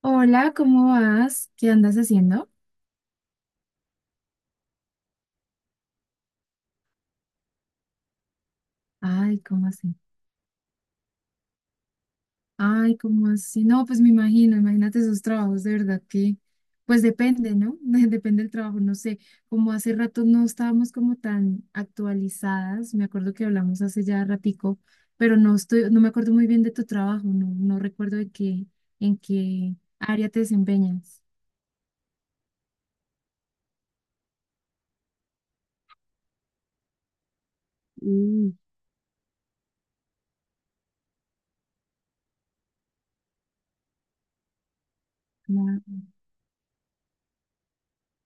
Hola, ¿cómo vas? ¿Qué andas haciendo? Ay, ¿cómo así? Ay, ¿cómo así? No, pues me imagino, imagínate esos trabajos, de verdad que, pues depende, ¿no? Depende del trabajo, no sé, como hace rato no estábamos como tan actualizadas, me acuerdo que hablamos hace ya ratico, pero no estoy, no me acuerdo muy bien de tu trabajo, no, no recuerdo de qué, en qué área te desempeñas. Mm.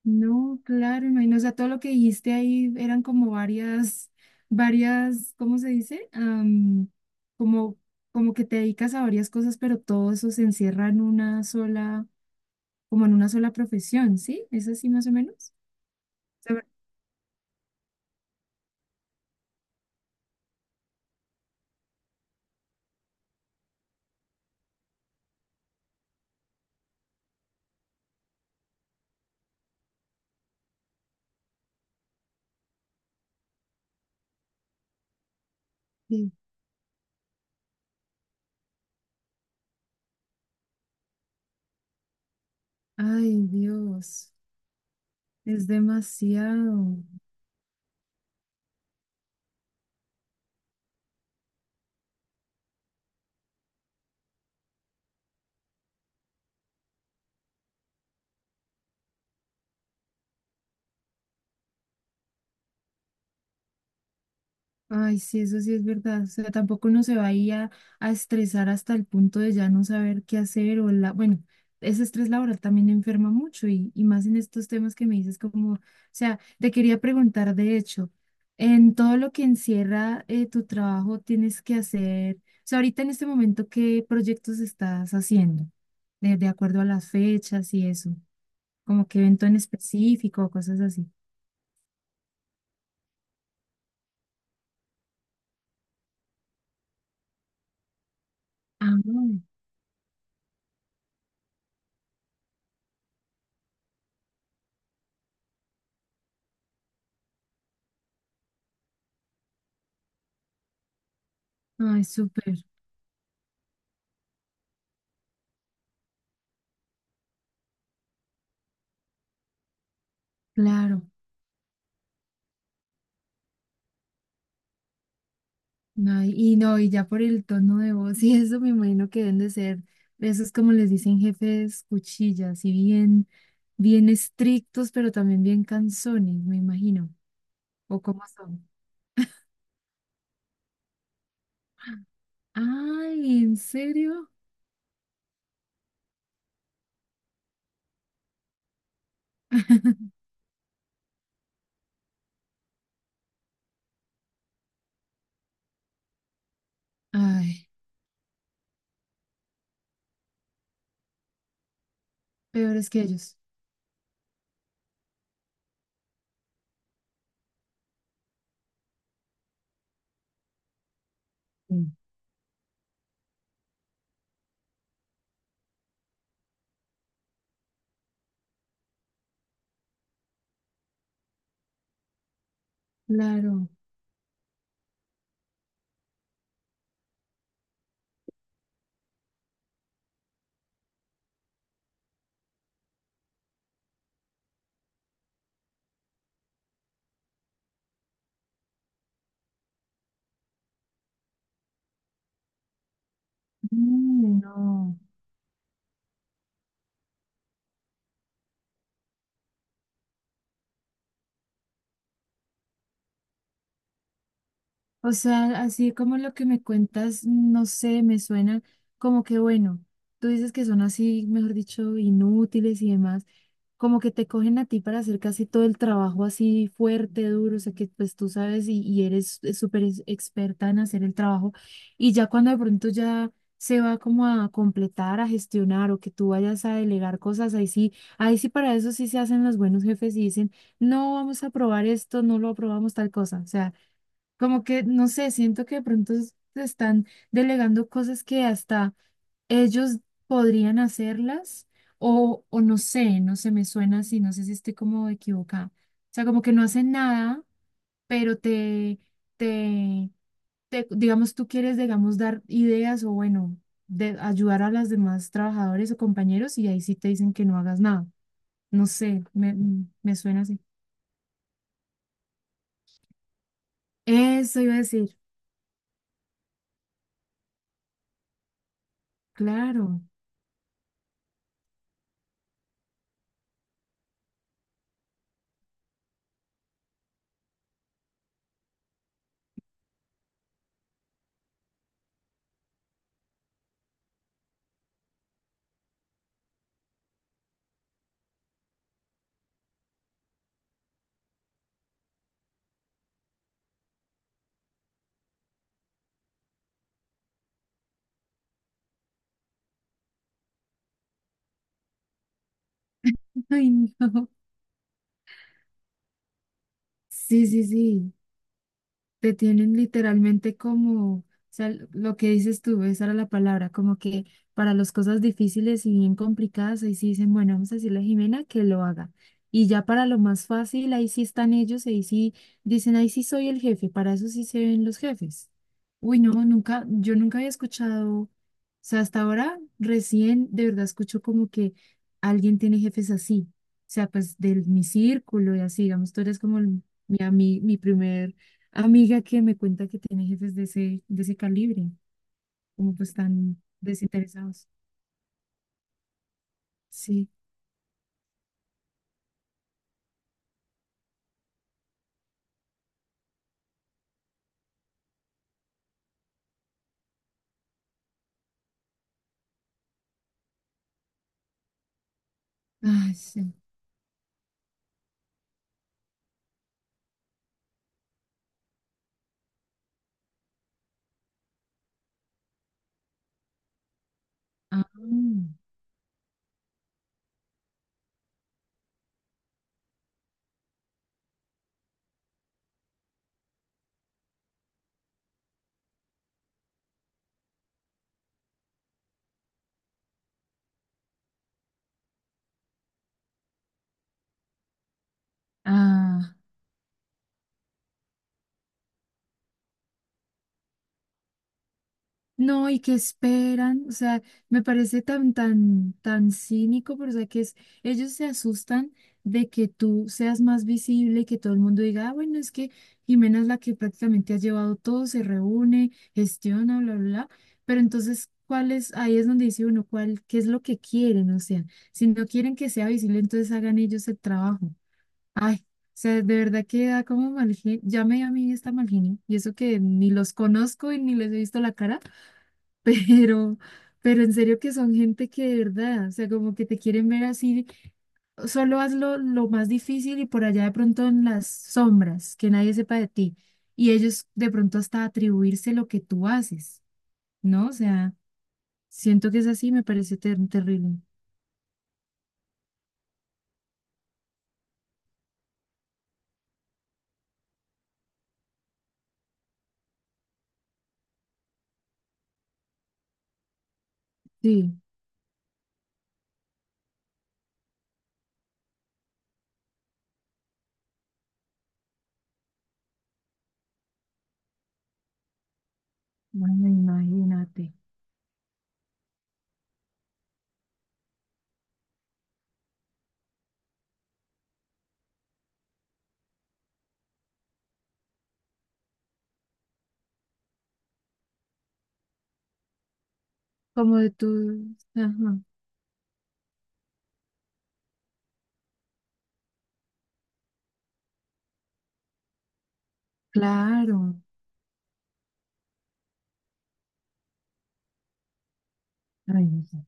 No, claro, imagino, o sea, todo lo que dijiste ahí eran como varias, ¿cómo se dice? Como, como que te dedicas a varias cosas, pero todo eso se encierra en una sola, como en una sola profesión, ¿sí? ¿Es así más o menos? O sea, sí. Ay, Dios, es demasiado. Ay, sí, eso sí es verdad. O sea, tampoco uno se va ahí a estresar hasta el punto de ya no saber qué hacer o la, bueno, ese estrés laboral también enferma mucho y más en estos temas que me dices como, o sea, te quería preguntar, de hecho, en todo lo que encierra tu trabajo tienes que hacer, o sea, ahorita en este momento, ¿qué proyectos estás haciendo? De acuerdo a las fechas y eso, como que evento en específico o cosas así. Ah, ay, súper, claro. No, y no, y ya por el tono de voz y eso me imagino que deben de ser, esos como les dicen jefes cuchillas, y bien, bien estrictos, pero también bien cansones me imagino. ¿O cómo son? Ay, ¿en serio? Ay, peores que ellos. Mm. Claro. Mm, no. O sea, así como lo que me cuentas, no sé, me suena como que bueno, tú dices que son así, mejor dicho, inútiles y demás. Como que te cogen a ti para hacer casi todo el trabajo así fuerte, duro, o sea que pues tú sabes y eres súper experta en hacer el trabajo y ya cuando de pronto ya se va como a completar, a gestionar o que tú vayas a delegar cosas, ahí sí para eso sí se hacen los buenos jefes y dicen, no vamos a aprobar esto, no lo aprobamos tal cosa, o sea, como que no sé, siento que de pronto te están delegando cosas que hasta ellos podrían hacerlas o no sé, no se me suena así, no sé si estoy como equivocada. O sea, como que no hacen nada, pero te, digamos, tú quieres, digamos, dar ideas o bueno, de ayudar a los demás trabajadores o compañeros y ahí sí te dicen que no hagas nada. No sé, me suena así. Eso iba a decir, claro. Ay, no. Sí, sí, sí. Te tienen literalmente como, o sea, lo que dices tú, esa era la palabra, como que para las cosas difíciles y bien complicadas, ahí sí dicen, bueno, vamos a decirle a Jimena que lo haga. Y ya para lo más fácil, ahí sí están ellos, ahí sí dicen, ahí sí soy el jefe, para eso sí se ven los jefes. Uy, no, nunca, yo nunca había escuchado, o sea, hasta ahora recién de verdad escucho como que alguien tiene jefes así, o sea, pues de mi círculo y así, digamos, tú eres como mi primer amiga que me cuenta que tiene jefes de ese calibre, como pues tan desinteresados. Sí. Ay, sí. Ah, ah, No, y que esperan, o sea, me parece tan, tan, tan cínico, pero o sea, que es, ellos se asustan de que tú seas más visible y que todo el mundo diga, ah, bueno, es que Jimena es la que prácticamente ha llevado todo, se reúne, gestiona, bla, bla, bla, pero entonces, ¿cuál es? Ahí es donde dice uno, ¿cuál, qué es lo que quieren? O sea, si no quieren que sea visible, entonces hagan ellos el trabajo. Ay, o sea, de verdad que da como mal genio, ya me dio a mí esta mal genio, y eso que ni los conozco y ni les he visto la cara. Pero, pero en serio que son gente que de verdad, o sea, como que te quieren ver así, solo hazlo lo más difícil y por allá de pronto en las sombras, que nadie sepa de ti. Y ellos de pronto hasta atribuirse lo que tú haces, ¿no? O sea, siento que es así, me parece terrible. Sí, bueno, imagínate. Como de tu, ajá, claro, ay, no sé.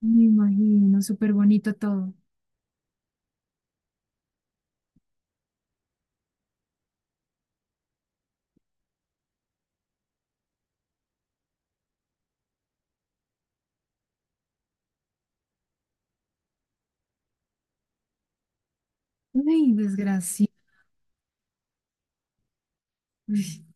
Me imagino, súper bonito todo. Ay, desgracia.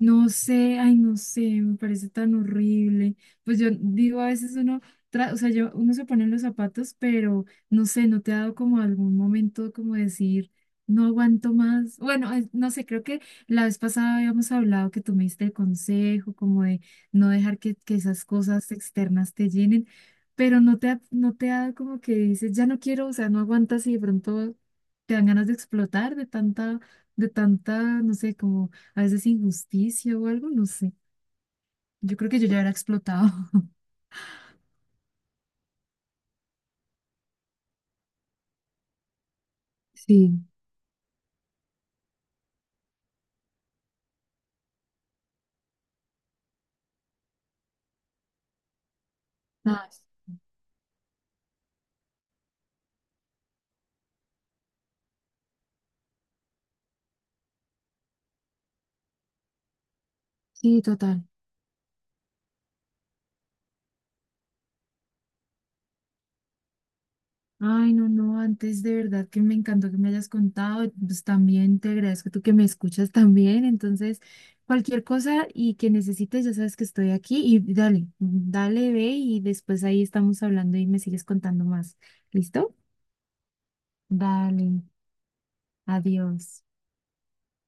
No sé, ay, no sé, me parece tan horrible. Pues yo digo, a veces uno, o sea, yo, uno se pone en los zapatos, pero no sé, no te ha dado como algún momento como decir, no aguanto más. Bueno, no sé, creo que la vez pasada habíamos hablado que tú me diste el consejo, como de no dejar que esas cosas externas te llenen, pero no te ha, no te ha dado como que dices, ya no quiero, o sea, no aguantas y de pronto te dan ganas de explotar de tanta, no sé, como a veces injusticia o algo, no sé. Yo creo que yo ya era explotado. Sí, ah, sí, total. Ay, no, no, antes de verdad que me encantó que me hayas contado, pues también te agradezco tú que me escuchas también, entonces cualquier cosa y que necesites, ya sabes que estoy aquí y dale, dale, ve y después ahí estamos hablando y me sigues contando más. ¿Listo? Dale, adiós.